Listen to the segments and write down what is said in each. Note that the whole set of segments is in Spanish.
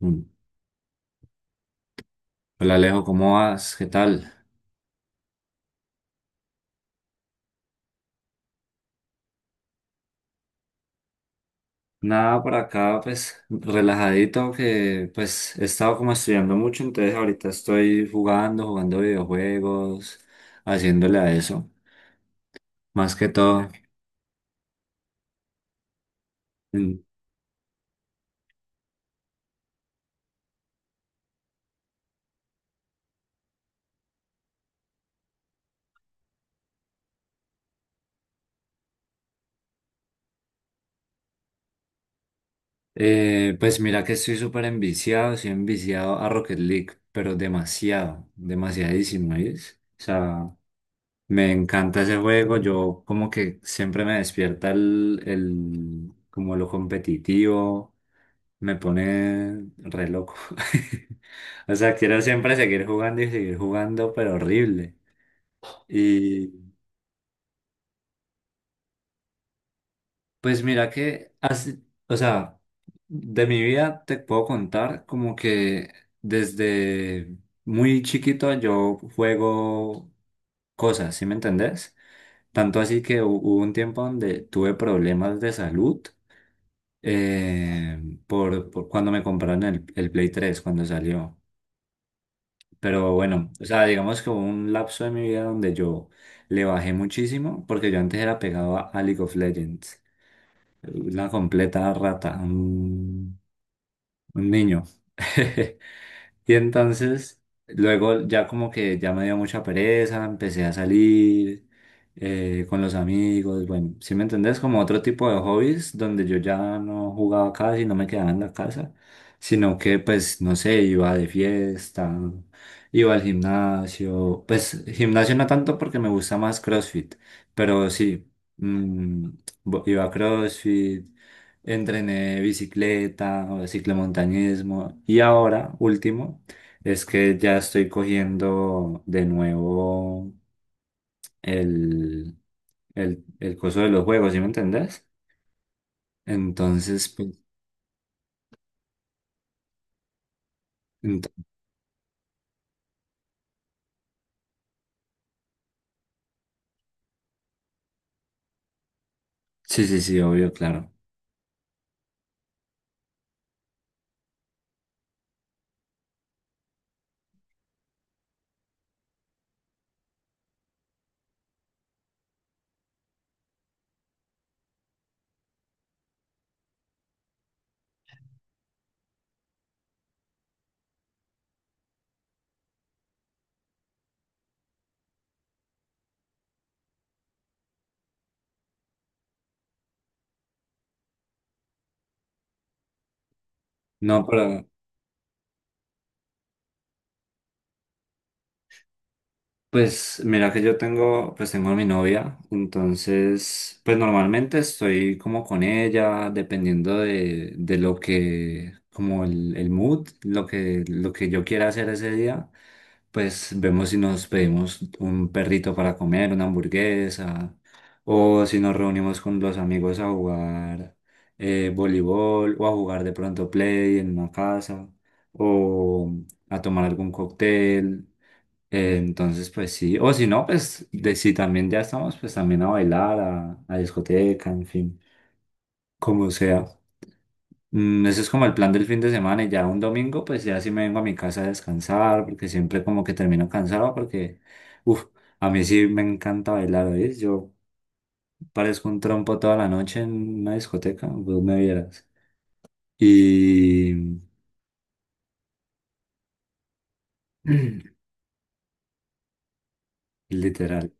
Mm. Hola, Alejo, ¿cómo vas? ¿Qué tal? Nada, por acá pues relajadito que pues he estado como estudiando mucho, entonces ahorita estoy jugando videojuegos, haciéndole a eso, más que todo. Mm. Pues mira que estoy súper enviciado, estoy enviciado a Rocket League, pero demasiado, demasiadísimo, ¿ves? O sea, me encanta ese juego, yo como que siempre me despierta el como lo competitivo. Me pone re loco. O sea, quiero siempre seguir jugando y seguir jugando, pero horrible. Y pues mira que, o sea, de mi vida te puedo contar como que desde muy chiquito yo juego cosas, ¿sí me entendés? Tanto así que hubo un tiempo donde tuve problemas de salud eh, por cuando me compraron el Play 3 cuando salió. Pero bueno, o sea, digamos que hubo un lapso de mi vida donde yo le bajé muchísimo, porque yo antes era pegado a League of Legends, una completa rata, un niño. Y entonces, luego ya como que ya me dio mucha pereza, empecé a salir con los amigos, bueno, ¿si me entendés? Como otro tipo de hobbies donde yo ya no jugaba casi, no me quedaba en la casa, sino que pues, no sé, iba de fiesta, iba al gimnasio, pues gimnasio no tanto porque me gusta más CrossFit, pero sí, mm, iba a CrossFit. Entrené bicicleta o ciclomontañismo y ahora, último, es que ya estoy cogiendo de nuevo el, el coso de los juegos, ¿sí me entendés? Entonces, pues, ent- sí, sí, sí, obvio, claro. No, pero pues mira que yo tengo, pues tengo a mi novia, entonces pues normalmente estoy como con ella, dependiendo de lo que, como el mood, lo que yo quiera hacer ese día, pues vemos si nos pedimos un perrito para comer, una hamburguesa, o si nos reunimos con los amigos a jugar voleibol, o a jugar de pronto play en una casa, o a tomar algún cóctel. Entonces, pues sí, o si no, pues de, si también ya estamos, pues también a bailar, a discoteca, en fin, como sea. Mm, ese es como el plan del fin de semana y ya un domingo, pues ya sí me vengo a mi casa a descansar, porque siempre como que termino cansado, porque, uff, a mí sí me encanta bailar, ¿oís? Yo parezco un trompo toda la noche en una discoteca, vos me vieras. Y literal,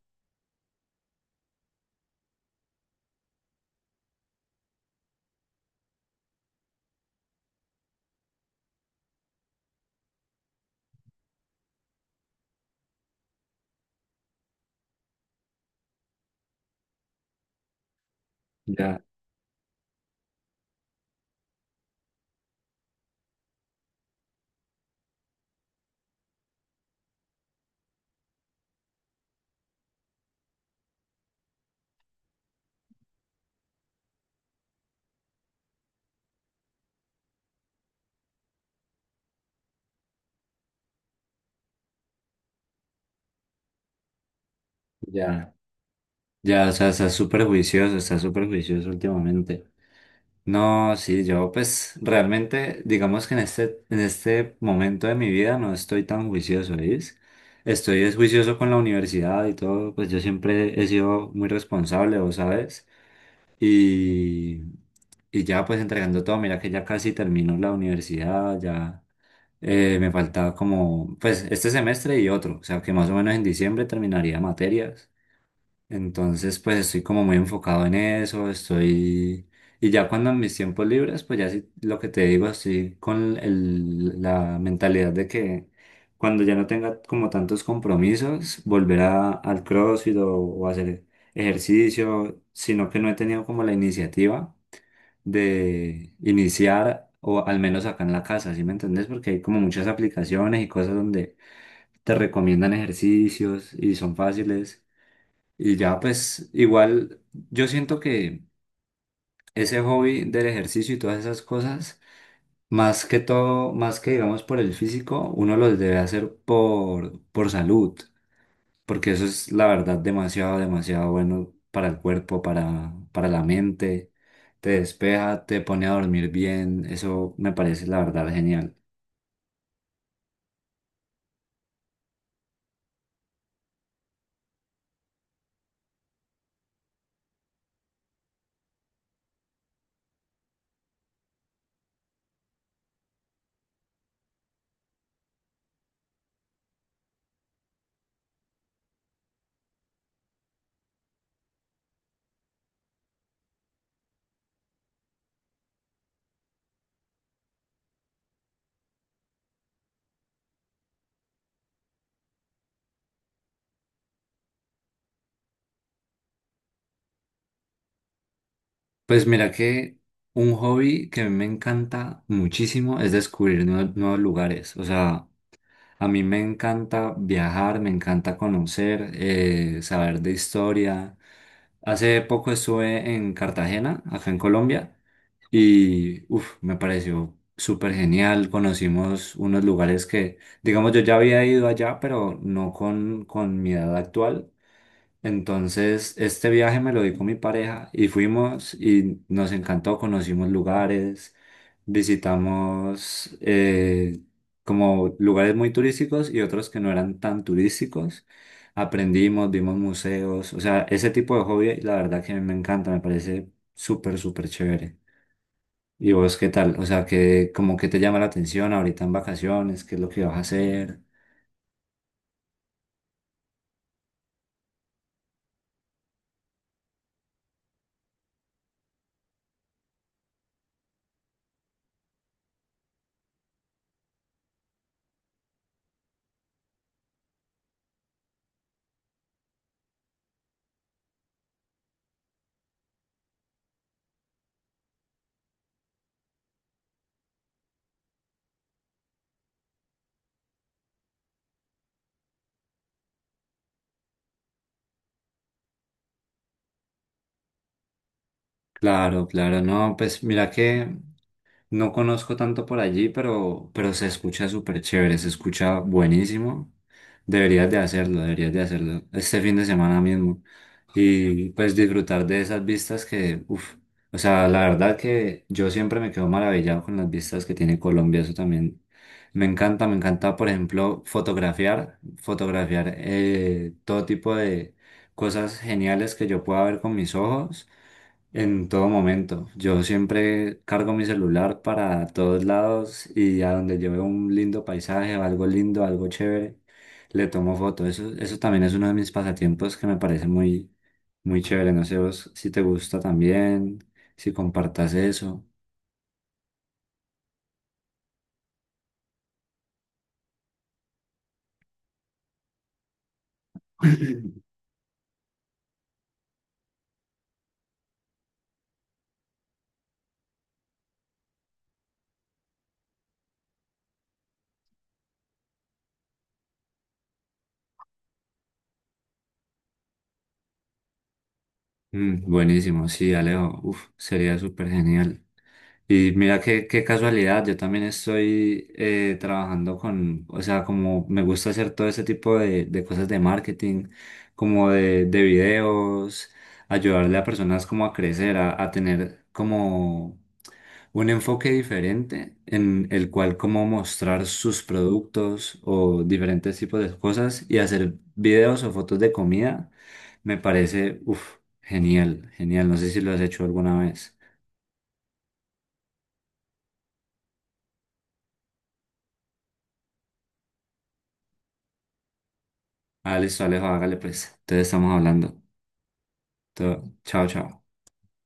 ya, ya, ya, o sea, está súper juicioso últimamente. No, sí, yo pues realmente, digamos que en este momento de mi vida no estoy tan juicioso, ¿veis? Estoy es juicioso con la universidad y todo, pues yo siempre he sido muy responsable, vos sabes, y, y ya pues entregando todo, mira que ya casi termino la universidad, ya me faltaba como, pues este semestre y otro, o sea que más o menos en diciembre terminaría materias. Entonces, pues estoy como muy enfocado en eso, estoy... Y ya cuando en mis tiempos libres, pues ya sí, lo que te digo, estoy con la mentalidad de que cuando ya no tenga como tantos compromisos, volver a, al CrossFit o hacer ejercicio, sino que no he tenido como la iniciativa de iniciar, o al menos acá en la casa, ¿sí me entendés? Porque hay como muchas aplicaciones y cosas donde te recomiendan ejercicios y son fáciles. Y ya, pues igual yo siento que ese hobby del ejercicio y todas esas cosas, más que todo, más que digamos por el físico, uno los debe hacer por salud, porque eso es la verdad demasiado, demasiado bueno para el cuerpo, para la mente, te despeja, te pone a dormir bien, eso me parece la verdad genial. Pues mira que un hobby que a mí me encanta muchísimo es descubrir nuevos lugares, o sea... A mí me encanta viajar, me encanta conocer, saber de historia. Hace poco estuve en Cartagena, acá en Colombia, y uf, me pareció súper genial. Conocimos unos lugares que, digamos, yo ya había ido allá, pero no con, con mi edad actual. Entonces, este viaje me lo di con mi pareja y fuimos y nos encantó, conocimos lugares, visitamos como lugares muy turísticos y otros que no eran tan turísticos. Aprendimos, vimos museos, o sea, ese tipo de hobby, la verdad que a mí me encanta, me parece súper, súper chévere. ¿Y vos qué tal? O sea, ¿que como que te llama la atención ahorita en vacaciones, qué es lo que vas a hacer? Claro, claro, no, pues mira que no conozco tanto por allí, pero se escucha súper chévere, se escucha buenísimo. Deberías de hacerlo este fin de semana mismo. Y pues disfrutar de esas vistas que, uff, o sea, la verdad que yo siempre me quedo maravillado con las vistas que tiene Colombia, eso también. Me encanta, por ejemplo, fotografiar todo tipo de cosas geniales que yo pueda ver con mis ojos. En todo momento. Yo siempre cargo mi celular para todos lados y a donde yo veo un lindo paisaje o algo lindo, algo chévere, le tomo foto. Eso también es uno de mis pasatiempos que me parece muy, muy chévere. No sé vos si te gusta también, si compartas eso. Mm, buenísimo, sí, Alejo. Uf, sería súper genial. Y mira qué, qué casualidad, yo también estoy trabajando con, o sea, como me gusta hacer todo ese tipo de cosas de marketing, como de videos, ayudarle a personas como a crecer, a tener como un enfoque diferente en el cual como mostrar sus productos o diferentes tipos de cosas y hacer videos o fotos de comida, me parece, uff, genial, genial, no sé si lo has hecho alguna vez. Ah, listo, Alejo, hágale pues. Entonces estamos hablando. Chao, chao.